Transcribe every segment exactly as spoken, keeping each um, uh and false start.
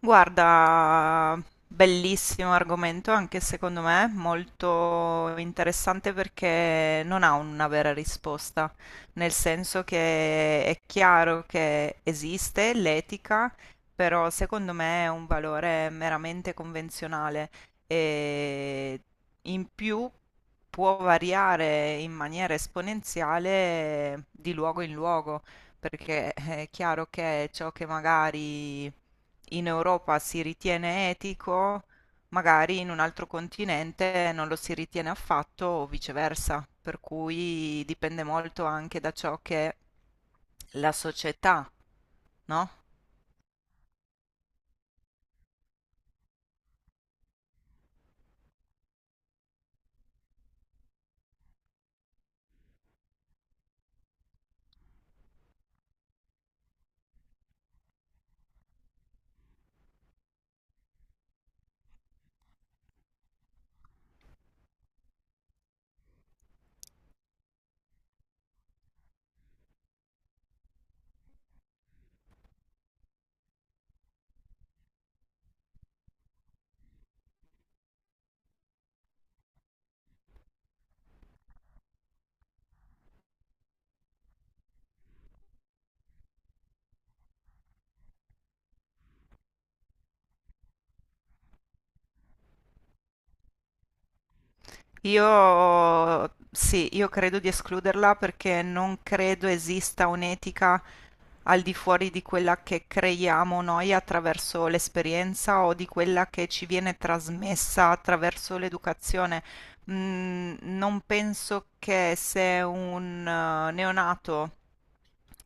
Guarda, bellissimo argomento anche secondo me, molto interessante perché non ha una vera risposta, nel senso che è chiaro che esiste l'etica, però secondo me è un valore meramente convenzionale e in più può variare in maniera esponenziale di luogo in luogo, perché è chiaro che ciò che magari in Europa si ritiene etico, magari in un altro continente non lo si ritiene affatto o viceversa, per cui dipende molto anche da ciò che la società, no? Io sì, io credo di escluderla perché non credo esista un'etica al di fuori di quella che creiamo noi attraverso l'esperienza o di quella che ci viene trasmessa attraverso l'educazione. Mm, non penso che se un eh, neonato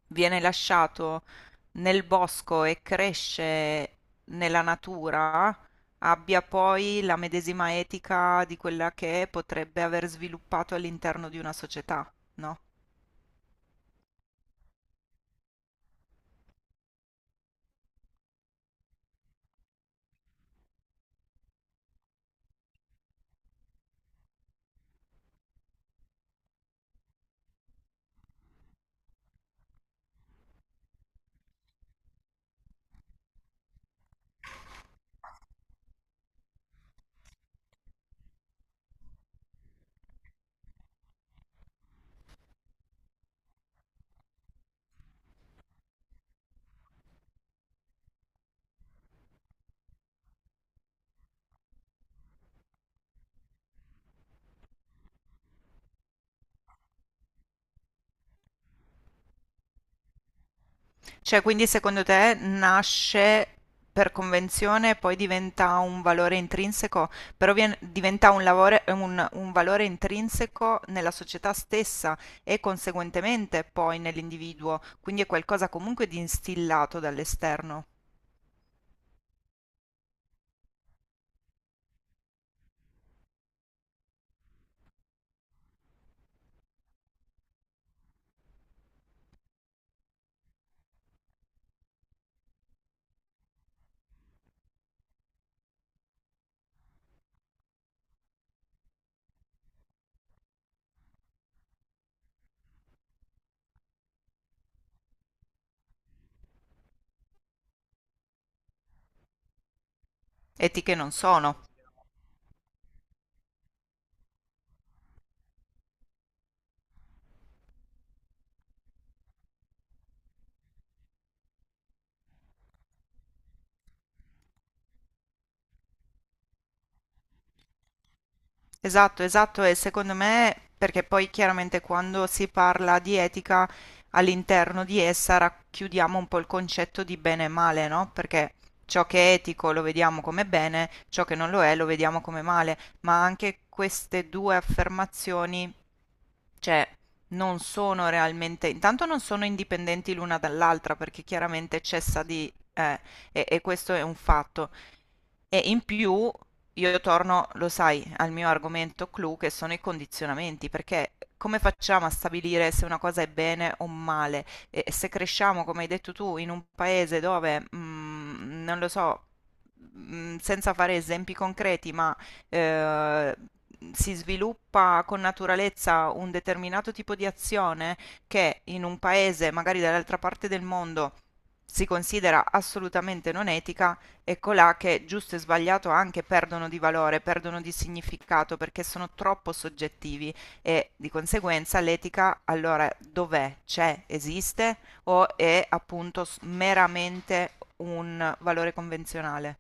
viene lasciato nel bosco e cresce nella natura, abbia poi la medesima etica di quella che potrebbe aver sviluppato all'interno di una società, no? Cioè, quindi secondo te nasce per convenzione e poi diventa un valore intrinseco, però vien- diventa un, lavore- un un valore intrinseco nella società stessa e conseguentemente poi nell'individuo, quindi è qualcosa comunque di instillato dall'esterno. Etiche non sono. Esatto, esatto, e secondo me, perché poi chiaramente quando si parla di etica, all'interno di essa racchiudiamo un po' il concetto di bene e male, no? Perché ciò che è etico lo vediamo come bene, ciò che non lo è lo vediamo come male, ma anche queste due affermazioni, cioè, non sono realmente, intanto non sono indipendenti l'una dall'altra perché chiaramente cessa di eh, e e questo è un fatto. E in più io torno, lo sai, al mio argomento clou che sono i condizionamenti, perché come facciamo a stabilire se una cosa è bene o male? E e se cresciamo, come hai detto tu, in un paese dove, mm, non lo so, mm, senza fare esempi concreti, ma eh, si sviluppa con naturalezza un determinato tipo di azione che in un paese, magari dall'altra parte del mondo, si considera assolutamente non etica, ecco là che giusto e sbagliato anche perdono di valore, perdono di significato perché sono troppo soggettivi e di conseguenza l'etica allora dov'è? C'è? Esiste? O è appunto s- meramente un valore convenzionale?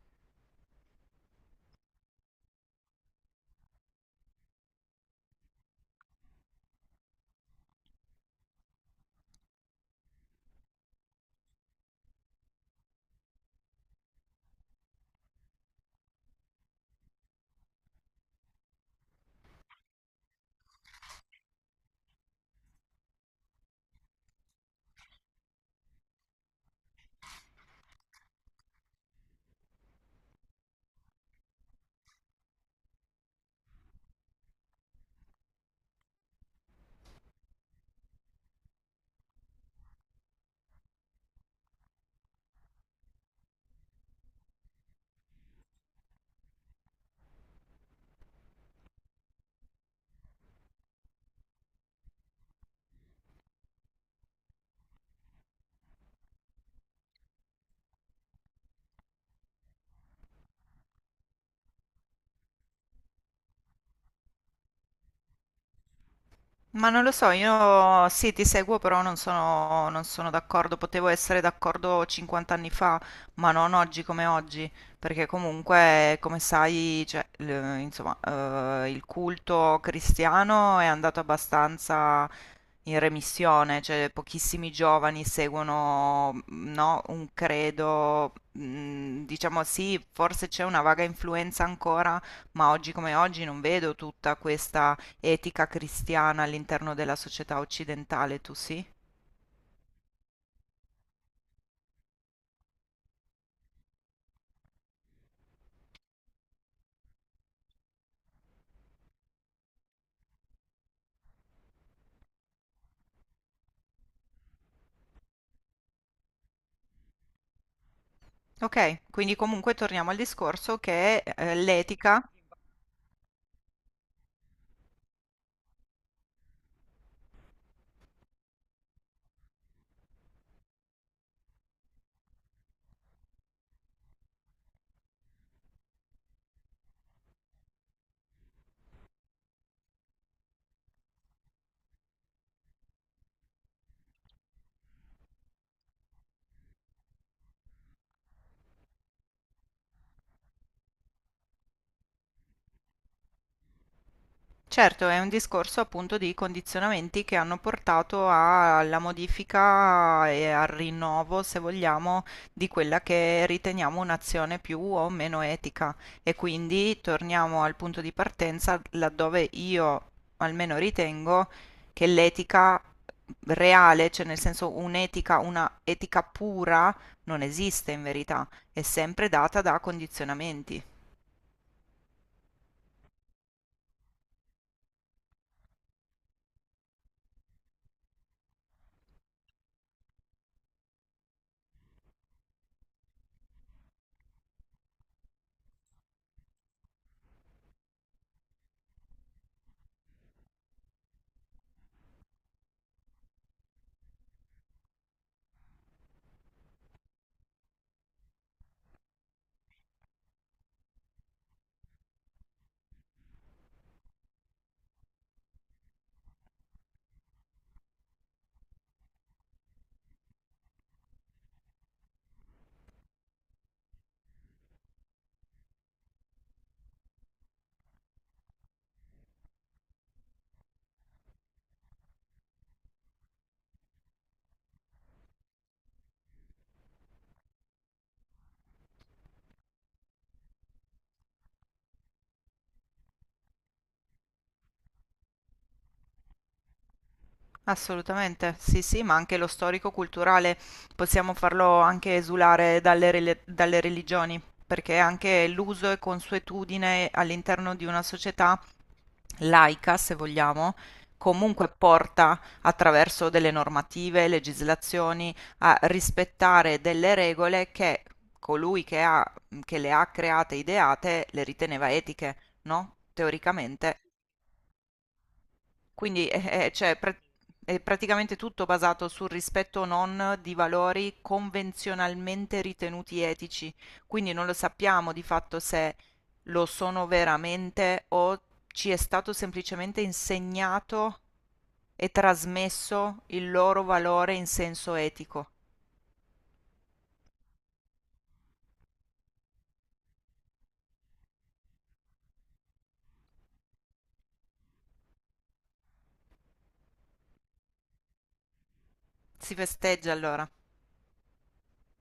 Ma non lo so, io sì, ti seguo, però non sono, non sono d'accordo. Potevo essere d'accordo cinquanta anni fa, ma non oggi come oggi, perché comunque, come sai, cioè, l- insomma, eh, il culto cristiano è andato abbastanza in remissione, cioè pochissimi giovani seguono, mm, no, un credo, mm, diciamo sì, forse c'è una vaga influenza ancora, ma oggi come oggi non vedo tutta questa etica cristiana all'interno della società occidentale, tu sì? Ok, quindi comunque torniamo al discorso che eh, l'etica. Certo, è un discorso appunto di condizionamenti che hanno portato a- alla modifica e al rinnovo, se vogliamo, di quella che riteniamo un'azione più o meno etica. E quindi torniamo al punto di partenza laddove io almeno ritengo che l'etica reale, cioè nel senso un'etica, una etica pura, non esiste in verità, è sempre data da condizionamenti. Assolutamente, sì, sì, ma anche lo storico-culturale possiamo farlo anche esulare dalle, rele- dalle religioni, perché anche l'uso e consuetudine all'interno di una società laica, se vogliamo, comunque porta attraverso delle normative, legislazioni a rispettare delle regole che colui che ha- che le ha create, ideate, le riteneva etiche, no? Teoricamente. Quindi è, è- cioè, pra- è praticamente tutto basato sul rispetto o non di valori convenzionalmente ritenuti etici, quindi non lo sappiamo di fatto se lo sono veramente o ci è stato semplicemente insegnato e trasmesso il loro valore in senso etico. Si festeggia allora.